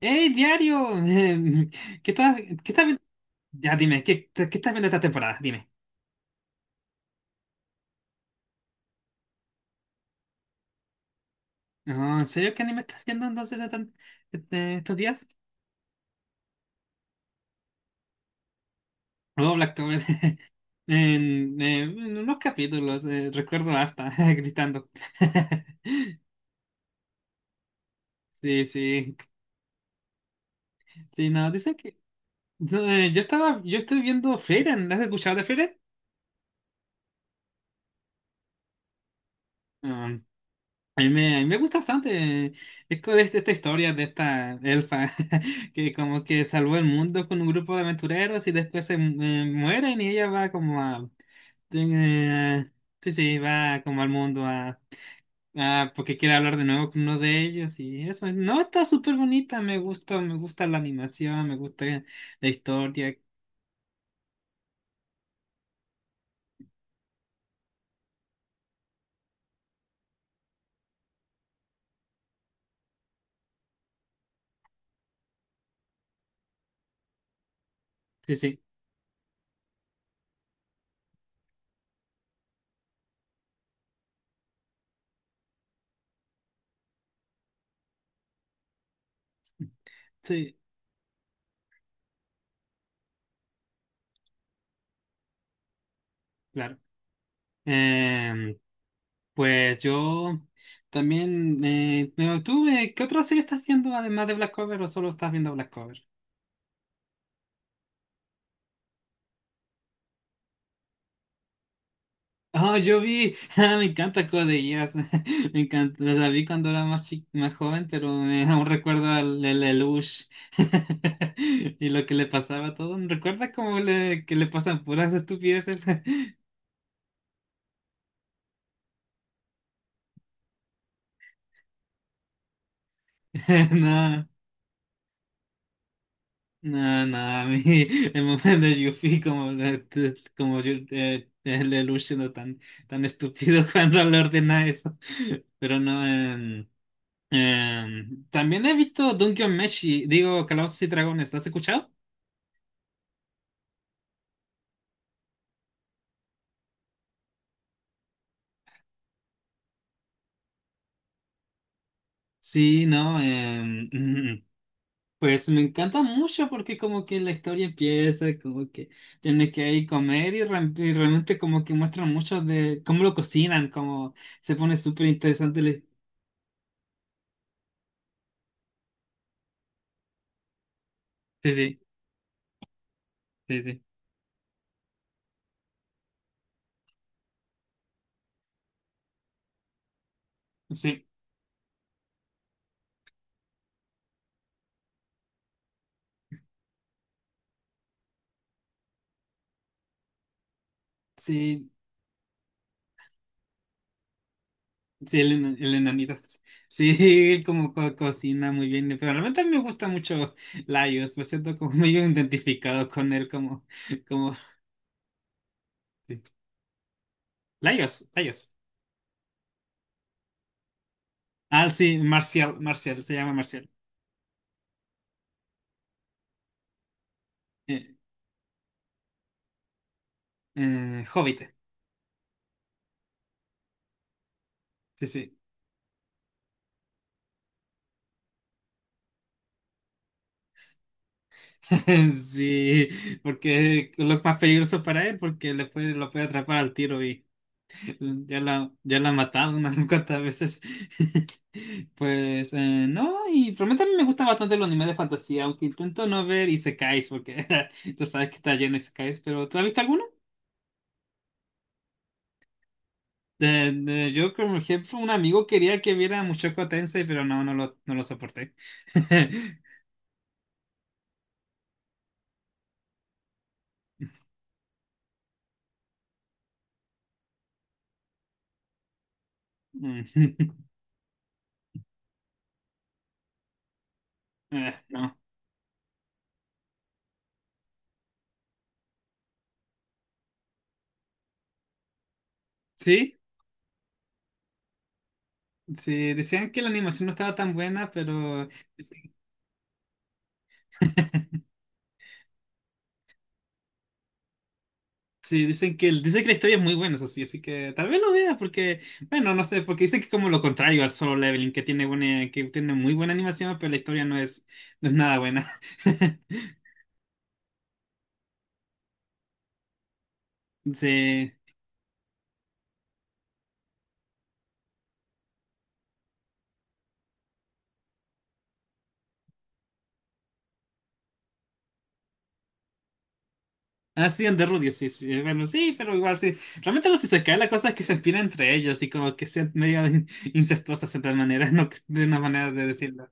Hey diario! ¿Qué estás, qué estás vi- Ya dime, ¿qué estás viendo esta temporada? Dime. No, ¿en serio qué anime estás viendo entonces estos días? Oh, Blacktober. En unos capítulos, recuerdo hasta gritando. Sí, sí. Sí, no, dice que. No, yo estoy viendo Frieren. ¿Has escuchado de Frieren? Mm. A mí me gusta bastante, esta historia de esta elfa que como que salvó el mundo con un grupo de aventureros y después mueren y ella va como a... eh, sí, sí, va como al mundo a, porque quiere hablar de nuevo con uno de ellos y eso. No, está súper bonita, me gusta la animación, me gusta la historia. Sí, sí, sí, claro. Em, pues yo también, me mantuve. ¿Qué otra serie estás viendo además de Black Cover o solo estás viendo Black Cover? Oh, yo vi, ah, me encanta Code Geass. Me encanta, la vi cuando era más joven, pero me aún recuerdo al el Lelouch y lo que le pasaba a todo. ¿Recuerdas cómo le que le pasan puras estupideces? No. No, no, a mí el momento de Yuffie como, el Lelouch siendo tan, tan estúpido cuando le ordena eso. Pero no, también he visto Dungeon Meshi, digo, Calabozos y Dragones, ¿lo has escuchado? Sí, no, pues me encanta mucho porque como que la historia empieza, como que tiene que ir comer y, y realmente como que muestran mucho de cómo lo cocinan, como se pone súper interesante. La- Sí, sí, sí, sí. Sí. Sí, sí, el, el enanito. Sí, él como cocina muy bien, pero realmente a mí me gusta mucho Laios, me siento como medio identificado con él, como, sí. Laios, Laios. Ah, sí, Marcial, Marcial, se llama Marcial. Eh, Hobbit, sí, sí. Sí, porque es lo más peligroso para él, porque le puede, lo puede atrapar al tiro. Ya la he matado unas cuantas veces. Pues no, y realmente a mí me gusta bastante los animes de fantasía, aunque intento no ver isekais, porque tú sabes que está lleno de isekais, pero ¿tú has visto alguno? Yo, como ejemplo, un amigo quería que viera Mushoku Tensei, pero no, no lo soporté. Mm. No. Sí, sí, decían que la animación no estaba tan buena, pero... Sí, dicen que, dicen que la historia es muy buena, eso sí, así que tal vez lo veas porque, bueno, no sé, porque dicen que es como lo contrario al Solo Leveling, que tiene buena, que tiene muy buena animación, pero la historia no es nada buena. Sí. Ah, sí, en Rudy, sí, sí, bueno, sí, pero igual sí. Realmente los cae la cosa es que se inspiran entre ellos y como que sean medio incestuosas de tal manera, no, de una manera de decirlo.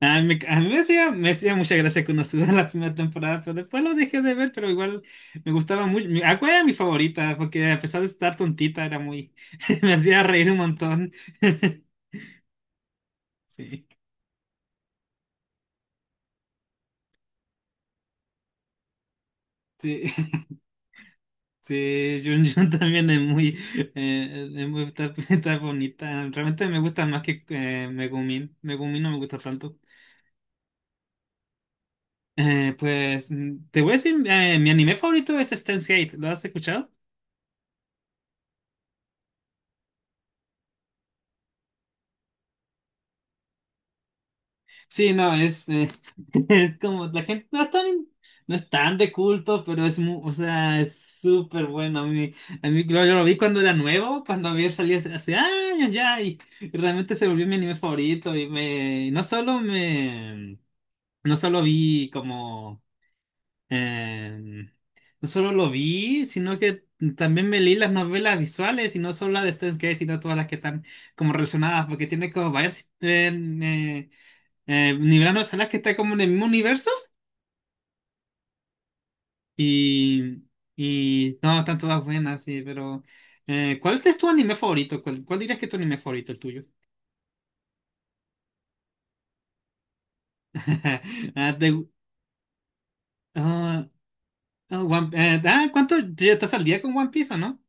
A mí me hacía mucha gracia que uno suda la primera temporada, pero después lo dejé de ver, pero igual me gustaba mucho. Mi- Aqua era mi favorita, porque a pesar de estar tontita, era muy... me hacía reír un montón. Sí, sí, sí, Jun Jun también es muy, está, está bonita. Realmente me gusta más que, Megumin. Megumin no me gusta tanto. Pues te voy a decir, mi anime favorito es Steins Gate. ¿Lo has escuchado? Sí, no, es como la gente no es tan de culto, pero es muy, o sea, es súper bueno. Yo lo vi cuando era nuevo, cuando había salido hace, hace años ya, y realmente se volvió mi anime favorito. No solo vi como, em, no solo lo vi, sino que también me leí las novelas visuales, y no solo la de Steins Gate, sino todas las que están como relacionadas, porque tiene como varias. eh, nivelaron a Salas que está como en el mismo universo. Y, y no, están todas buenas, sí, pero ¿cuál es tu anime favorito? Cuál dirías que es tu anime favorito, el tuyo? Ah, te- ah, ah, ah, ¿cuánto ya estás al día con One Piece o no?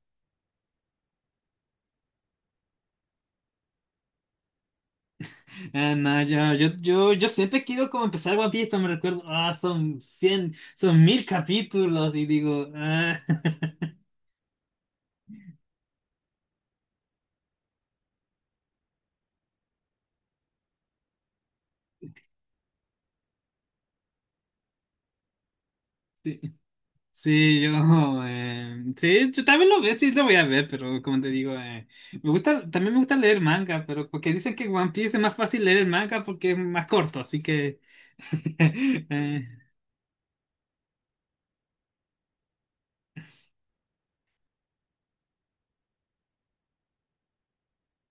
No, yo siempre quiero como empezar One Piece, pero me recuerdo, ah, son 100 son 1000 capítulos y digo, ah. Sí, yo, sí, yo también lo veo, sí lo voy a ver, pero como te digo, me gusta, también me gusta leer manga, pero porque dicen que One Piece es más fácil leer el manga porque es más corto, así que, eh,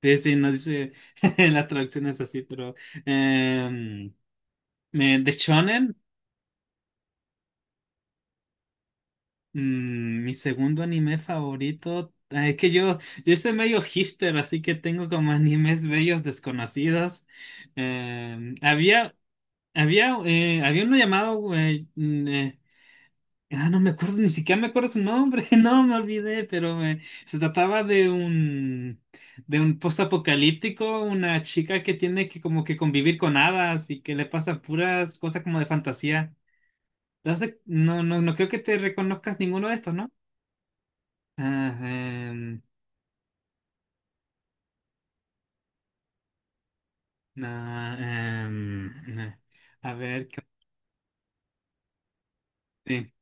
sí, sí, no dice las traducciones así, pero eh, de Shonen, mi segundo anime favorito, ah, es que yo soy medio hipster, así que tengo como animes bellos desconocidos. Había. Había uno llamado, güey, ah, no me acuerdo, ni siquiera me acuerdo su nombre, no me olvidé, pero se trataba de un postapocalíptico, una chica que tiene que como que convivir con hadas y que le pasan puras cosas como de fantasía. Entonces, no creo que te reconozcas ninguno de estos, ¿no? Ah, no, em, eh, a ver, ¿qué- sí.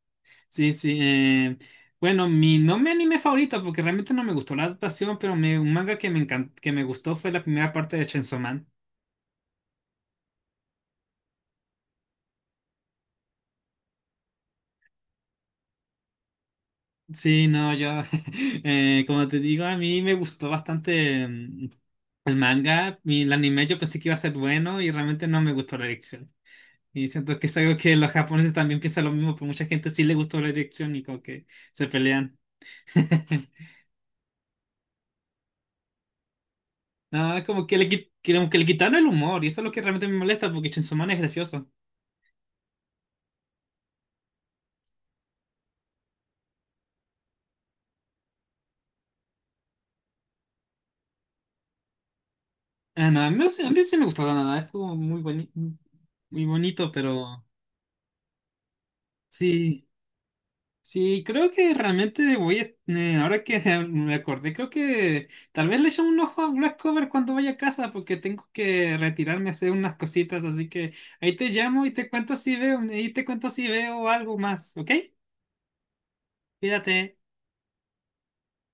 Sí, sí. Bueno, mi no mi anime favorito, porque realmente no me gustó la adaptación, pero un manga que que me gustó fue la primera parte de Chainsaw Man. Sí, no, yo, como te digo, a mí me gustó bastante, el manga, y el anime yo pensé que iba a ser bueno y realmente no me gustó la dirección. Y siento que es algo que los japoneses también piensan lo mismo, pero mucha gente sí le gustó la dirección y como que se pelean. No, como que le, como que le quitaron el humor y eso es lo que realmente me molesta porque Chainsaw Man es gracioso. Ah, no, a mí, a mí sí me gustó la nada, estuvo muy bonito, pero sí, sí, creo que realmente voy a, ahora que me acordé, creo que tal vez le eche un ojo a Black Cover cuando vaya a casa, porque tengo que retirarme a hacer unas cositas, así que ahí te llamo y te cuento si veo, ahí te cuento si veo algo más, ¿ok? Cuídate.